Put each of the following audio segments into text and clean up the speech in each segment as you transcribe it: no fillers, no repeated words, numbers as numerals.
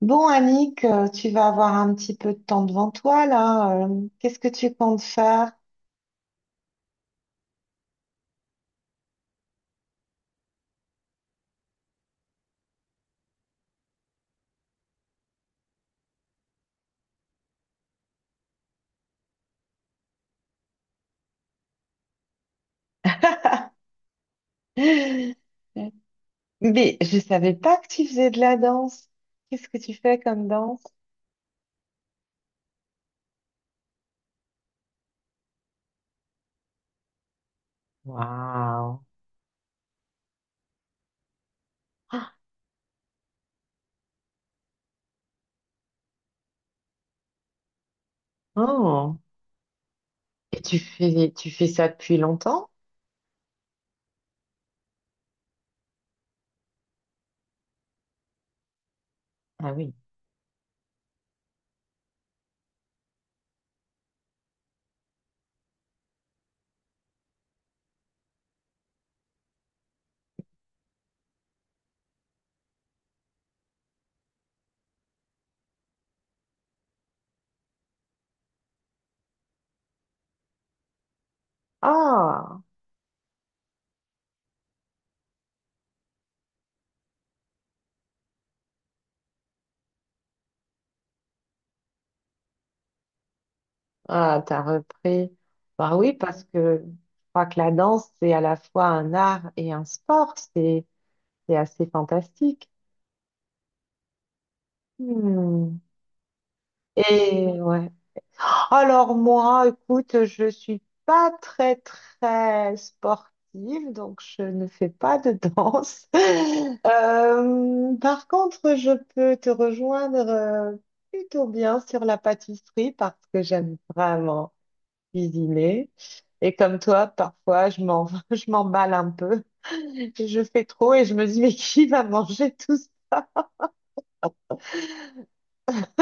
Bon, Annick, tu vas avoir un petit peu de temps devant toi là. Qu'est-ce que tu comptes faire? Mais je savais pas que tu faisais de la danse. Qu'est-ce que tu fais comme danse? Waouh. Oh. Et tu fais ça depuis longtemps? Ah oui. Ah, ah, t'as repris. Bah oui, parce que je crois que la danse, c'est à la fois un art et un sport. C'est assez fantastique. Hmm. Et ouais. Alors moi, écoute, je suis pas très très sportive, donc je ne fais pas de danse. Par contre, je peux te rejoindre plutôt bien sur la pâtisserie parce que j'aime vraiment cuisiner. Et comme toi, parfois, je m'en, je m'emballe un peu. Je fais trop et je me dis, mais qui va manger tout.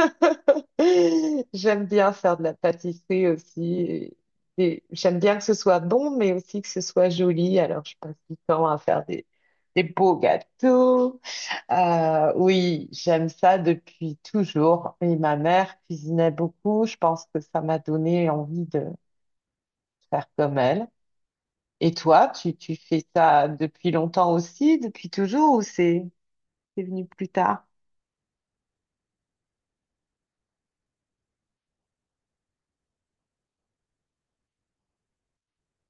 J'aime bien faire de la pâtisserie aussi. et- et j'aime bien que ce soit bon, mais aussi que ce soit joli. Alors, je passe du temps à faire des beaux gâteaux. Oui, j'aime ça depuis toujours. Et ma mère cuisinait beaucoup. Je pense que ça m'a donné envie de faire comme elle. Et toi, tu fais ça depuis longtemps aussi, depuis toujours, ou c'est venu plus tard?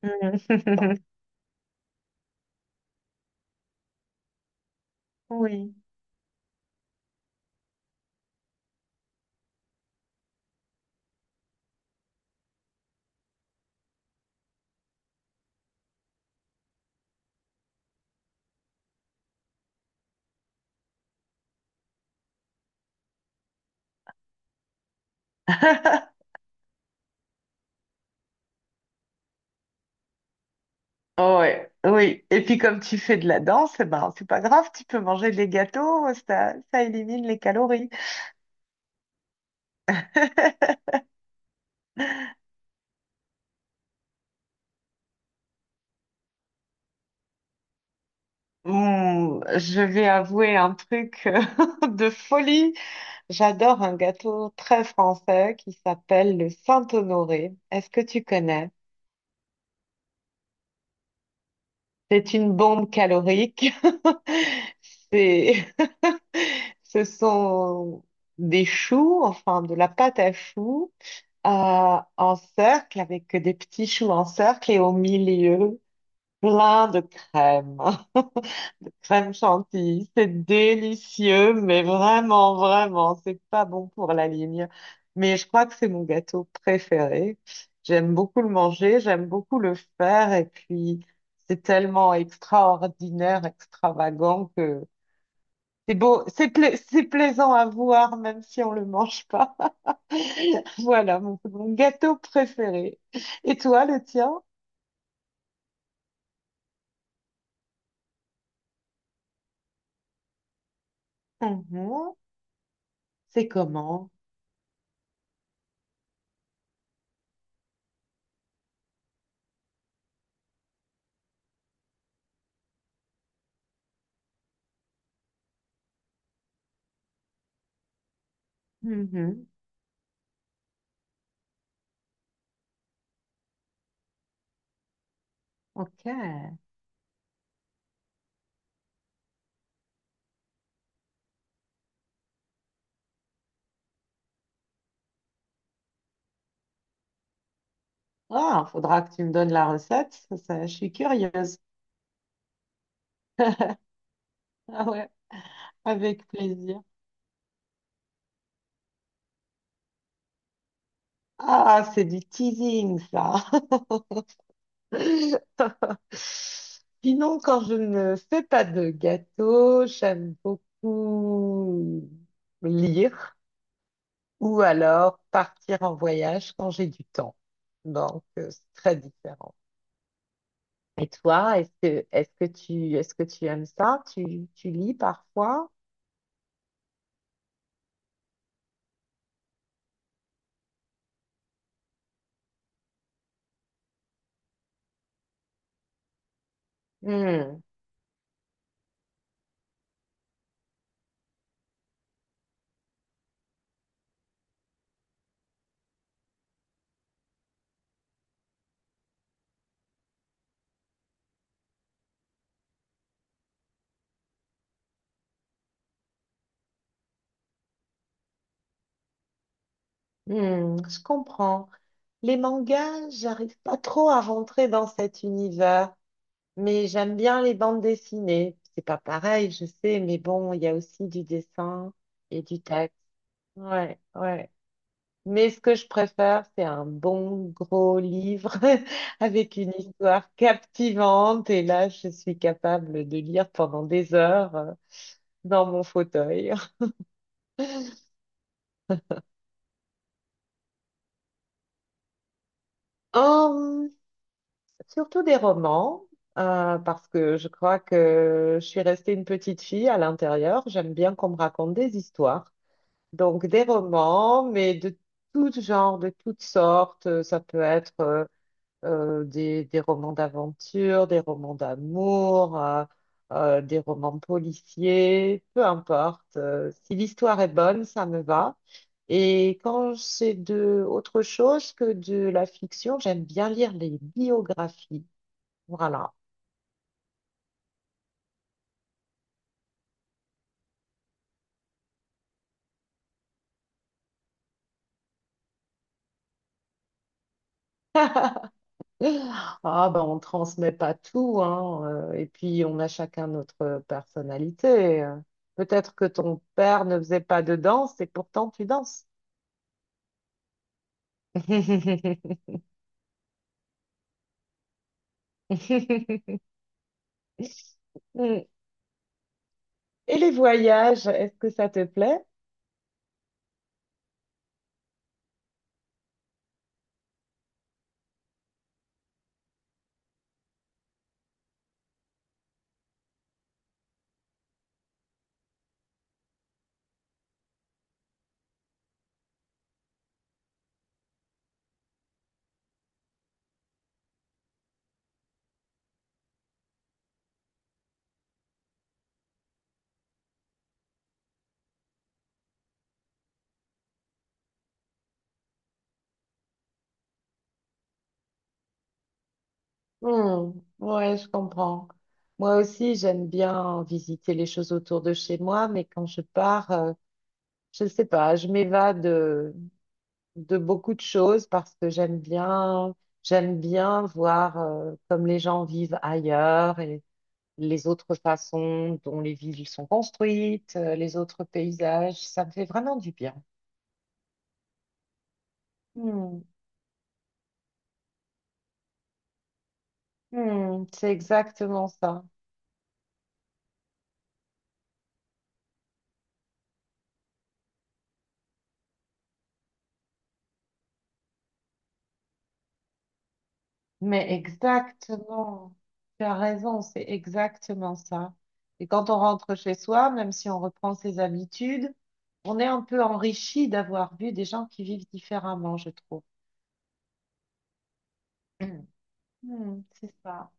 Mhm. Oui. Oh, ouais, oui. Et puis comme tu fais de la danse, eh ben, c'est pas grave, tu peux manger des gâteaux, ça élimine les calories. Hmm, je vais avouer un truc de folie. J'adore un gâteau très français qui s'appelle le Saint-Honoré. Est-ce que tu connais? C'est une bombe calorique. C'est Ce sont des choux, enfin de la pâte à choux, en cercle, avec des petits choux en cercle et au milieu, plein de crème. Crème chantilly, c'est délicieux, mais vraiment, vraiment, c'est pas bon pour la ligne. Mais je crois que c'est mon gâteau préféré. J'aime beaucoup le manger, j'aime beaucoup le faire, et puis c'est tellement extraordinaire, extravagant, c'est beau, c'est plaisant à voir, même si on le mange pas. Voilà mon gâteau préféré. Et toi, le tien? Mhm. C'est comment? Mhm. Ok. Ah, faudra que tu me donnes la recette. Ça, je suis curieuse. Ah ouais, avec plaisir. Ah, c'est du teasing, ça. Sinon, quand je ne fais pas de gâteau, j'aime beaucoup lire. Ou alors partir en voyage quand j'ai du temps. Donc, c'est très différent. Et toi, est-ce que tu aimes ça? Tu lis parfois? Hmm, hmm, je comprends. Les mangas, j'arrive pas trop à rentrer dans cet univers, mais j'aime bien les bandes dessinées. C'est pas pareil, je sais, mais bon, il y a aussi du dessin et du texte. Ouais, ouais. Mais ce que je préfère, c'est un bon gros livre avec une histoire captivante. Et là, je suis capable de lire pendant des heures dans mon fauteuil. Hum, Surtout des romans, parce que je crois que je suis restée une petite fille à l'intérieur. J'aime bien qu'on me raconte des histoires. Donc des romans, mais de tout genre, de toutes sortes. Ça peut être des romans d'aventure, des romans d'amour, des romans policiers, peu importe. Si l'histoire est bonne, ça me va. Et quand c'est de autre chose que de la fiction, j'aime bien lire les biographies. Voilà. Ah ben on transmet pas tout, hein. Et puis on a chacun notre personnalité. Peut-être que ton père ne faisait pas de danse et pourtant tu danses. Mm. Et les voyages, est-ce que ça te plaît? Hmm, ouais, je comprends. Moi aussi, j'aime bien visiter les choses autour de chez moi, mais quand je pars, je ne sais pas, je m'évade, de beaucoup de choses parce que j'aime bien voir comme les gens vivent ailleurs et les autres façons dont les villes sont construites, les autres paysages. Ça me fait vraiment du bien. Hmm, hmm, c'est exactement ça. Mais exactement, tu as raison, c'est exactement ça. Et quand on rentre chez soi, même si on reprend ses habitudes, on est un peu enrichi d'avoir vu des gens qui vivent différemment, je trouve. Hmm, c'est ça.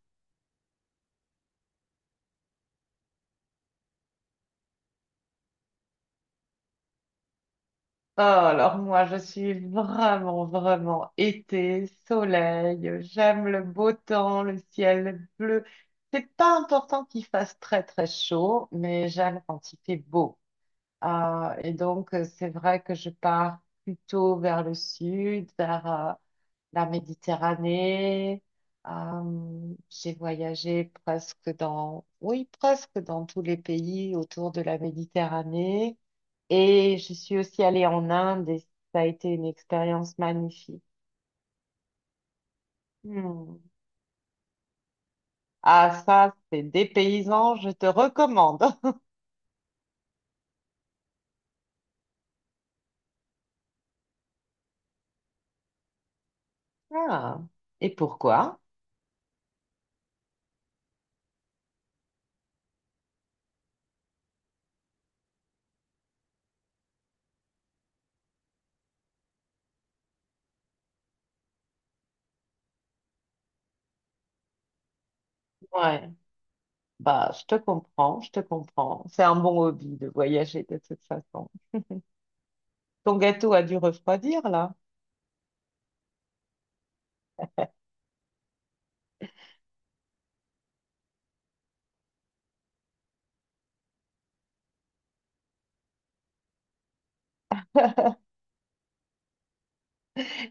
Oh, alors moi, je suis vraiment, vraiment été, soleil, j'aime le beau temps, le ciel bleu. C'est pas important qu'il fasse très, très chaud, mais j'aime quand il fait beau. Ah, et donc, c'est vrai que je pars plutôt vers le sud, vers la Méditerranée. J'ai voyagé presque oui, presque dans tous les pays autour de la Méditerranée. Et je suis aussi allée en Inde et ça a été une expérience magnifique. Hmm. Ah, ça, c'est des paysans, je te recommande. Ah. Et pourquoi? Ouais. Bah, je te comprends, je te comprends. C'est un bon hobby de voyager de toute façon. Ton gâteau a dû refroidir là.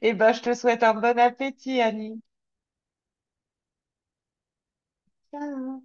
Eh ben, je te souhaite un bon appétit, Annie. Ciao.